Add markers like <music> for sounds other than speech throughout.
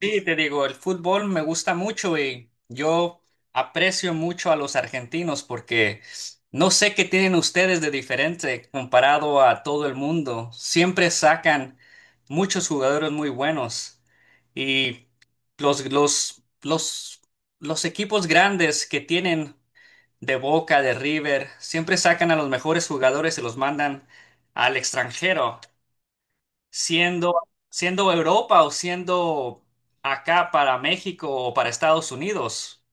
Sí, te digo, el fútbol me gusta mucho y yo aprecio mucho a los argentinos porque no sé qué tienen ustedes de diferente comparado a todo el mundo. Siempre sacan muchos jugadores muy buenos y los, los, los, los equipos grandes que tienen de Boca, de River, siempre sacan a los mejores jugadores y los mandan al extranjero siendo, siendo Europa o siendo acá para México o para Estados Unidos.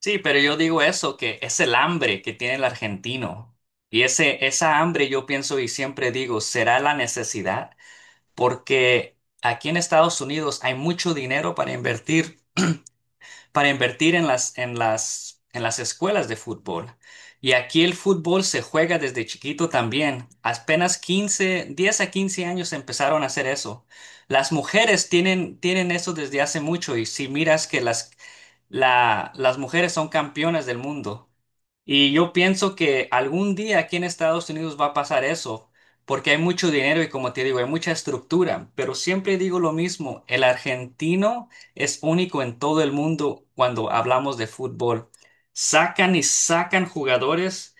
Sí, pero yo digo eso, que es el hambre que tiene el argentino. Y esa hambre yo pienso y siempre digo, será la necesidad, porque aquí en Estados Unidos hay mucho dinero para invertir en las escuelas de fútbol. Y aquí el fútbol se juega desde chiquito también. Apenas 15 10 a 15 años empezaron a hacer eso. Las mujeres tienen eso desde hace mucho y si miras las mujeres son campeonas del mundo. Y yo pienso que algún día aquí en Estados Unidos va a pasar eso, porque hay mucho dinero y como te digo, hay mucha estructura, pero siempre digo lo mismo, el argentino es único en todo el mundo cuando hablamos de fútbol. Sacan y sacan jugadores.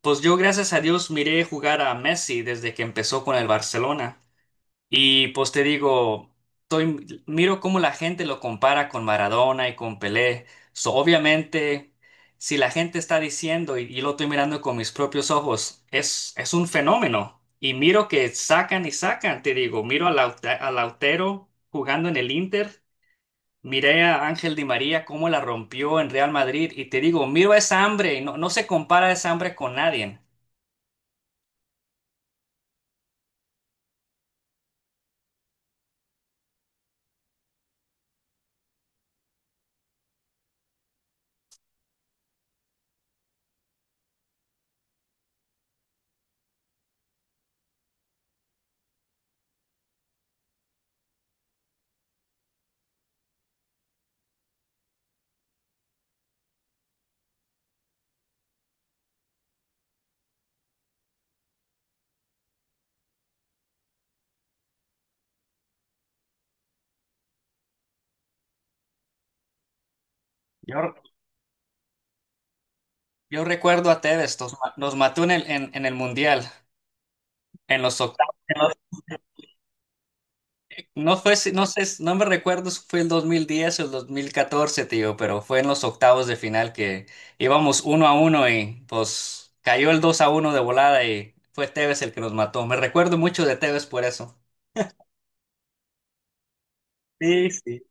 Pues yo, gracias a Dios, miré jugar a Messi desde que empezó con el Barcelona. Y pues te digo, miro cómo la gente lo compara con Maradona y con Pelé. So, obviamente, si la gente está diciendo y lo estoy mirando con mis propios ojos, es un fenómeno. Y miro que sacan y sacan, te digo, a Lautero jugando en el Inter, miré a Ángel Di María cómo la rompió en Real Madrid y te digo, miro esa hambre, y no se compara esa hambre con nadie. Yo, yo recuerdo a Tevez, nos mató en en el Mundial. En los octavos, no fue, si- no sé, no me recuerdo si fue el 2010 o el 2014, tío, pero fue en los octavos de final que íbamos uno a uno y pues cayó el 2 a uno de volada y fue Tevez el que nos mató. Me recuerdo mucho de Tevez por eso. Sí, sí.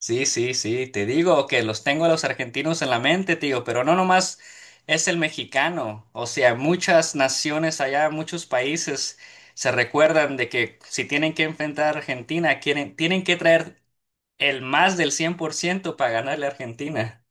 Sí, sí, sí, te digo que los tengo a los argentinos en la mente, tío, pero no nomás es el mexicano, o sea, muchas naciones allá, muchos países se recuerdan de que si tienen que enfrentar a Argentina, tienen que traer el más del 100% para ganarle a Argentina.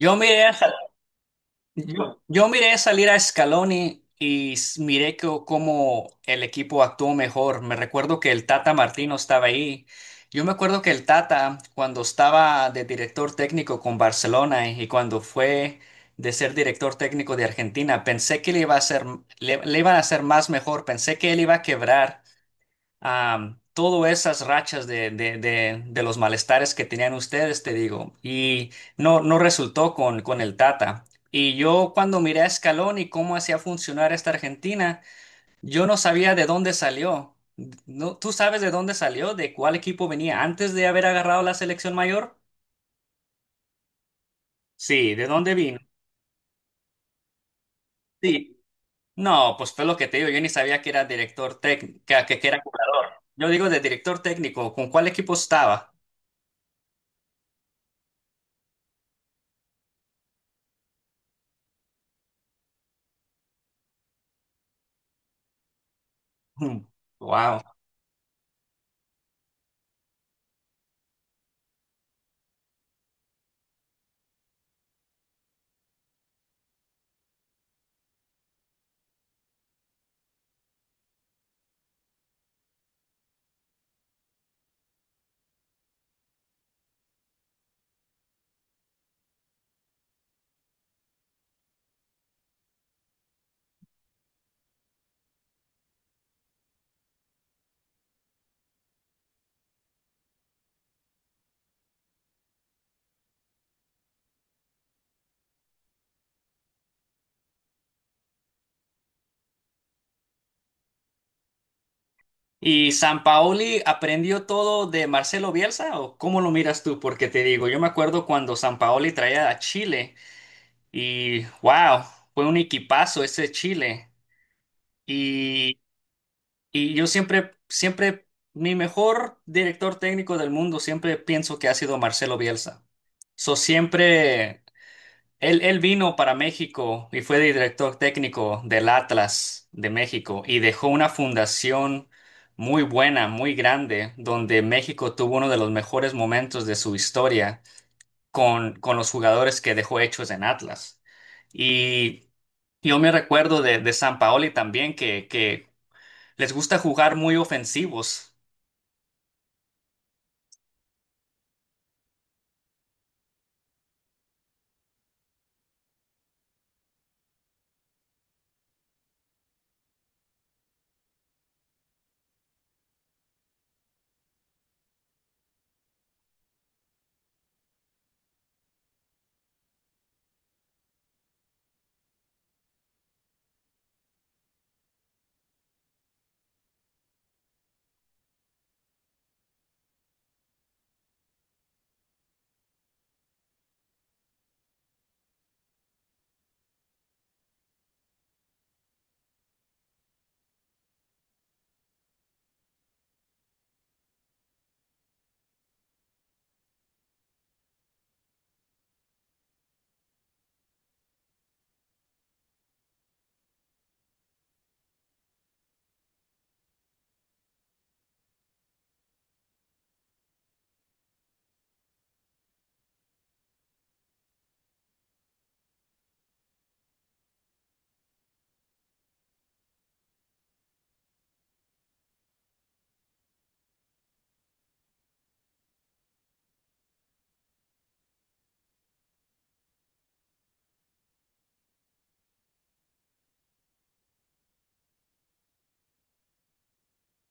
Yo miré a, sa- yo miré salir a Scaloni y cómo el equipo actuó mejor. Me recuerdo que el Tata Martino estaba ahí. Yo me acuerdo que el Tata, cuando estaba de director técnico con Barcelona y cuando fue de ser director técnico de Argentina, pensé que le iba a hacer, le iban a hacer más mejor. Pensé que él iba a quebrar a todas esas rachas de los malestares que tenían ustedes, te digo, y no resultó con el Tata. Y yo cuando miré a Scaloni y cómo hacía funcionar esta Argentina, yo no sabía de dónde salió. No, ¿tú sabes de dónde salió? ¿De cuál equipo venía antes de haber agarrado la selección mayor? Sí, ¿de dónde vino? Sí. No, pues fue lo que te digo, yo ni sabía que era director técnico, que era jugador. Yo digo de director técnico, ¿con cuál equipo estaba? <laughs> Wow. ¿Y San Paoli aprendió todo de Marcelo Bielsa o cómo lo miras tú? Porque te digo, yo me acuerdo cuando San Paoli traía a Chile y wow, fue un equipazo ese Chile. Y, y yo mi mejor director técnico del mundo siempre pienso que ha sido Marcelo Bielsa. So siempre. Él vino para México y fue director técnico del Atlas de México y dejó una fundación muy buena, muy grande, donde México tuvo uno de los mejores momentos de su historia con los jugadores que dejó hechos en Atlas. Y yo me recuerdo de Sampaoli también, que les gusta jugar muy ofensivos.